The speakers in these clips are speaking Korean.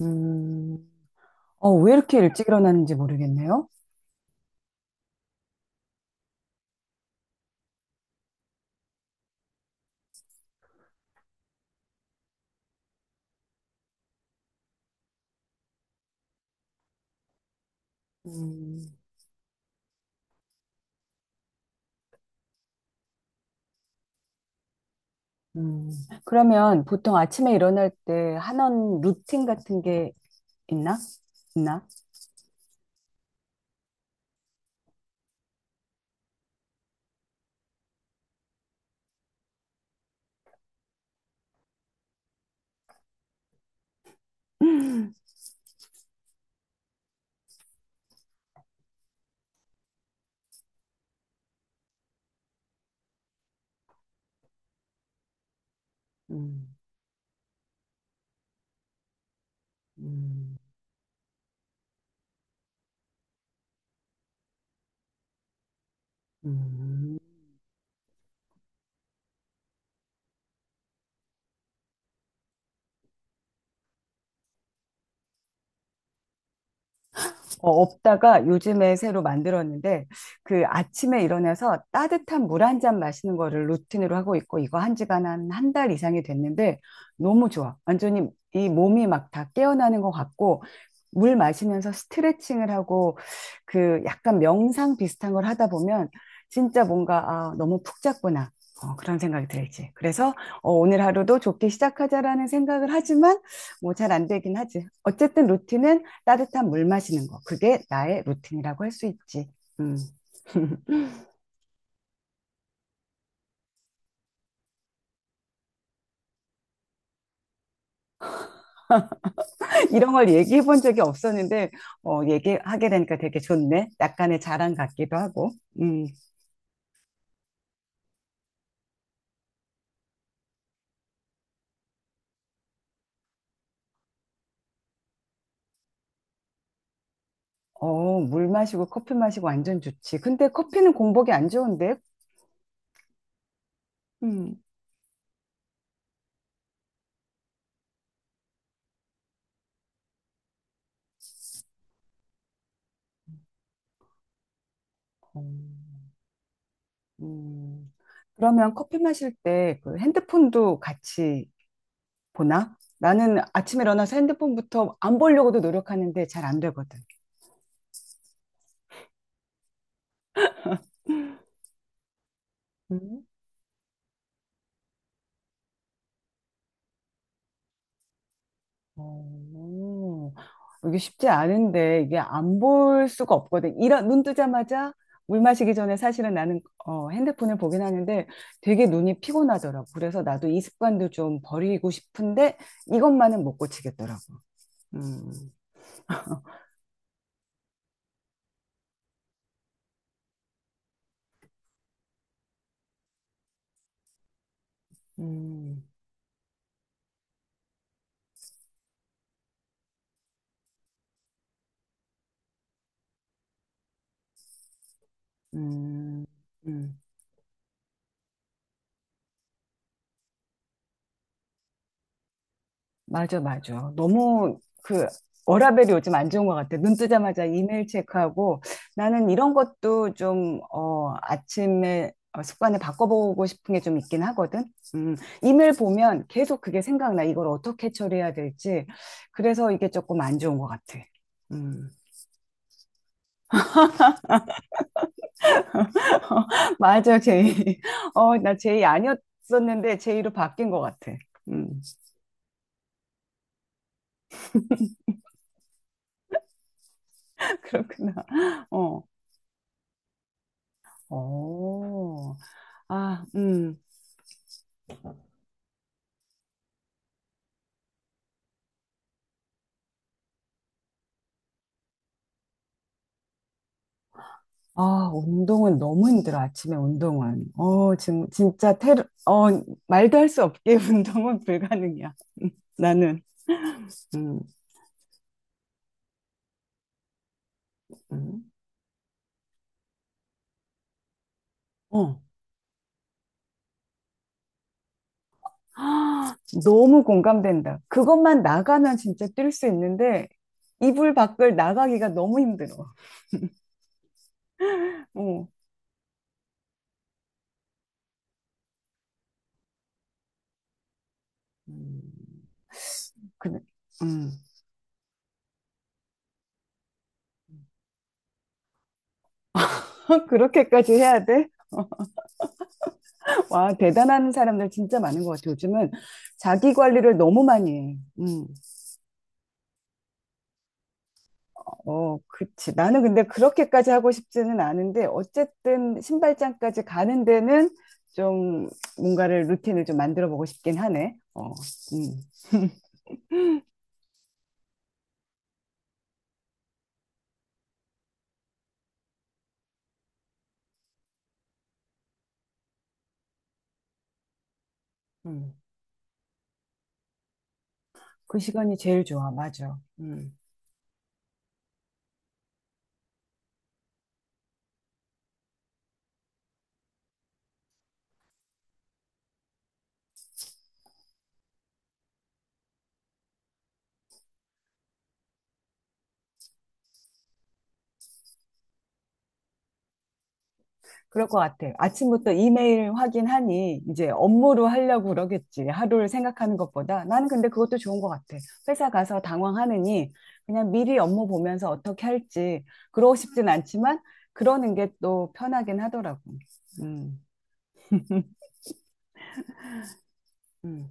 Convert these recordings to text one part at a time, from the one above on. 음, 왜 이렇게 일찍 일어나는지 모르겠네요. 음, 음, 그러면 보통 아침에 일어날 때 하는 루틴 같은 게 있나? 있나? 음, 음, 음. 없다가 요즘에 새로 만들었는데 그 아침에 일어나서 따뜻한 물 한잔 마시는 거를 루틴으로 하고 있고 이거 한 지가 한 달 이상이 됐는데 너무 좋아. 완전히 이 몸이 막 다 깨어나는 것 같고 물 마시면서 스트레칭을 하고 그 약간 명상 비슷한 걸 하다 보면 진짜 뭔가 아, 너무 푹 잤구나. 그런 생각이 들지. 그래서 오늘 하루도 좋게 시작하자라는 생각을 하지만 뭐 잘 안 되긴 하지. 어쨌든 루틴은 따뜻한 물 마시는 거. 그게 나의 루틴이라고 할 수 있지. 음. 이런 걸 얘기해 본 적이 없었는데, 얘기하게 되니까 되게 좋네. 약간의 자랑 같기도 하고. 음. 물 마시고 커피 마시고 완전 좋지. 근데 커피는 공복이 안 좋은데? 음. 어, 음. 그러면 커피 마실 때 그 핸드폰도 같이 보나? 나는 아침에 일어나서 핸드폰부터 안 보려고도 노력하는데 잘 안 되거든. 음. 어, 이게 쉽지 않은데 이게 안 볼 수가 없거든. 이런 눈 뜨자마자 물 마시기 전에 사실은 나는 핸드폰을 보긴 하는데 되게 눈이 피곤하더라고. 그래서 나도 이 습관도 좀 버리고 싶은데 이것만은 못 고치겠더라고. 음, 음, 음, 음. 맞아, 맞아. 너무 그 워라밸이 요즘 안 좋은 것 같아. 눈 뜨자마자 이메일 체크하고 나는 이런 것도 좀, 아침에 습관을 바꿔보고 싶은 게 좀 있긴 하거든. 음, 이메일 보면 계속 그게 생각나. 이걸 어떻게 처리해야 될지. 그래서 이게 조금 안 좋은 것 같아. 음. 맞아, 제이. 나 제이 아니었었는데 제이로 바뀐 것 같아. 음, 그렇구나. 어, 오, 아, 음. 아, 운동은 너무 힘들어, 아침에 운동은. 지금 진짜 테러, 말도 할 수 없게 운동은 불가능이야. 나는. 음, 음. 어. 아, 너무 공감된다. 그것만 나가면 진짜 뛸 수 있는데, 이불 밖을 나가기가 너무 힘들어. 어. 음, 그, 음. 그렇게까지 해야 돼? 와, 대단한 사람들 진짜 많은 것 같아. 요즘은 자기 관리를 너무 많이 해. 음. 어, 그치. 나는 근데 그렇게까지 하고 싶지는 않은데, 어쨌든 신발장까지 가는 데는 좀 뭔가를 루틴을 좀 만들어 보고 싶긴 하네. 음, 음. 그 시간이 제일 좋아. 맞아. 음. 그럴 것 같아. 아침부터 이메일 확인하니 이제 업무로 하려고 그러겠지. 하루를 생각하는 것보다. 나는 근데 그것도 좋은 것 같아. 회사 가서 당황하느니 그냥 미리 업무 보면서 어떻게 할지. 그러고 싶진 않지만 그러는 게 또 편하긴 하더라고. 음. 음.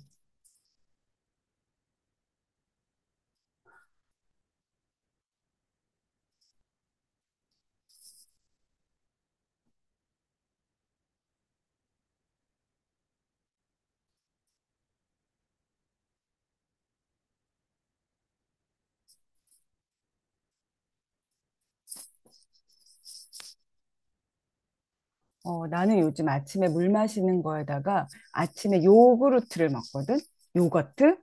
나는 요즘 아침에 물 마시는 거에다가 아침에 요구르트를 먹거든? 요거트?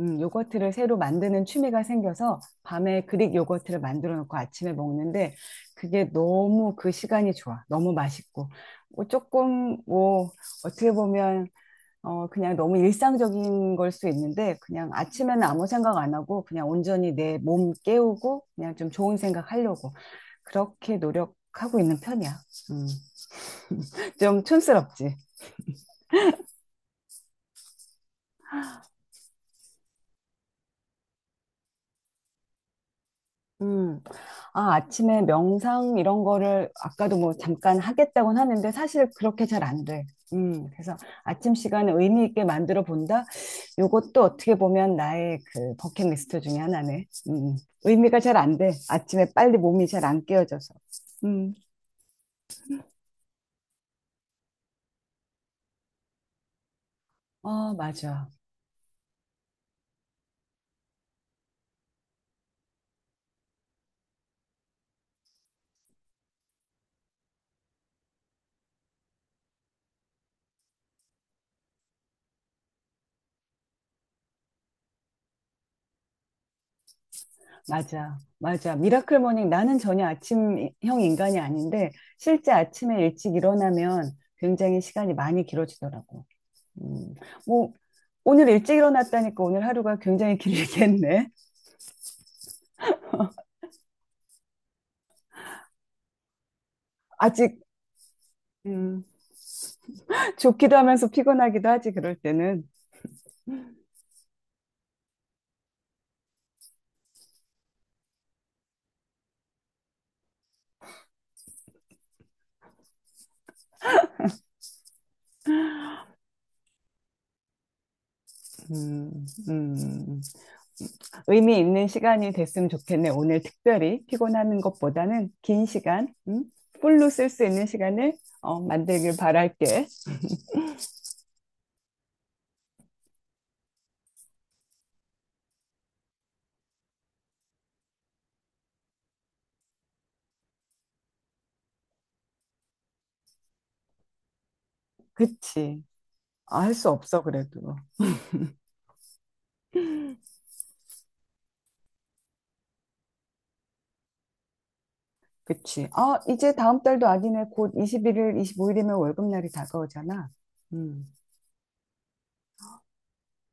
요거트를 새로 만드는 취미가 생겨서 밤에 그릭 요거트를 만들어 놓고 아침에 먹는데 그게 너무 그 시간이 좋아. 너무 맛있고. 뭐 조금 뭐 어떻게 보면 그냥 너무 일상적인 걸 수 있는데 그냥 아침에는 아무 생각 안 하고 그냥 온전히 내 몸 깨우고 그냥 좀 좋은 생각 하려고 그렇게 노력하고 있는 편이야. 음. 좀 촌스럽지. 음. 아, 아침에 명상 이런 거를 아까도 뭐 잠깐 하겠다고는 하는데 사실 그렇게 잘 안 돼. 음. 그래서 아침 시간을 의미 있게 만들어 본다? 요것도 어떻게 보면 나의 그 버킷리스트 중에 하나네. 음. 음. 의미가 잘 안 돼. 아침에 빨리 몸이 잘 안 깨어져서. 음. 어, 맞아. 맞아. 맞아. 미라클 모닝 나는 전혀 아침형 인간이 아닌데 실제 아침에 일찍 일어나면 굉장히 시간이 많이 길어지더라고. 음, 뭐, 오늘 일찍 일어났다니까 오늘 하루가 굉장히 길겠네. 아직 음, 좋기도 하면서 피곤하기도 하지, 그럴 때는. 음, 음, 의미 있는 시간이 됐으면 좋겠네. 오늘 특별히 피곤하는 것보다는 긴 시간, 음? 풀로 쓸 수 있는 시간을 만들길 바랄게. 그치. 아, 할 수 없어, 그래도. 그치. 아, 이제 다음 달도 아니네. 곧 21일, 25일이면 월급날이 다가오잖아. 음.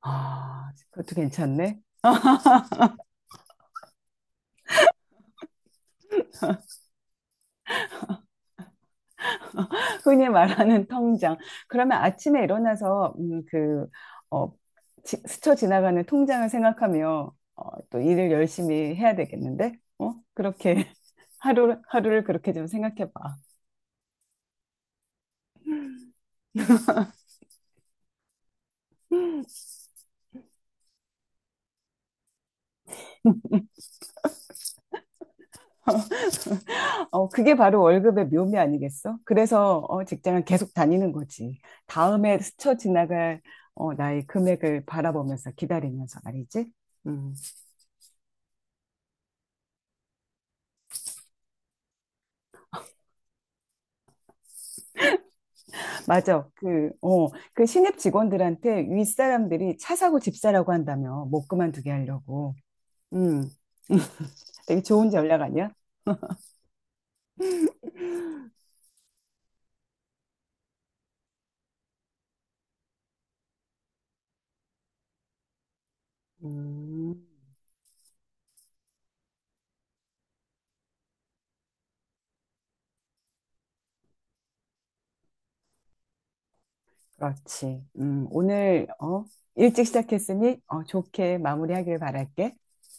아, 그것도 괜찮네. 흔히 말하는 통장. 그러면 아침에 일어나서 어, 스쳐 지나가는 통장을 생각하며 또 일을 열심히 해야 되겠는데? 어? 그렇게 하루, 하루를 그렇게 좀 생각해 봐. 그게 바로 월급의 묘미 아니겠어? 그래서 직장을 계속 다니는 거지. 다음에 스쳐 지나갈 나의 금액을 바라보면서 기다리면서 말이지. 음. 맞아. 그 신입 직원들한테 윗사람들이 차 사고 집 사라고 한다며. 못 그만두게 하려고. 음, 되게 좋은 전략 아니야? 음, 그렇지. 오늘, 어, 일찍 시작했으니, 어, 좋게 마무리하길 바랄게.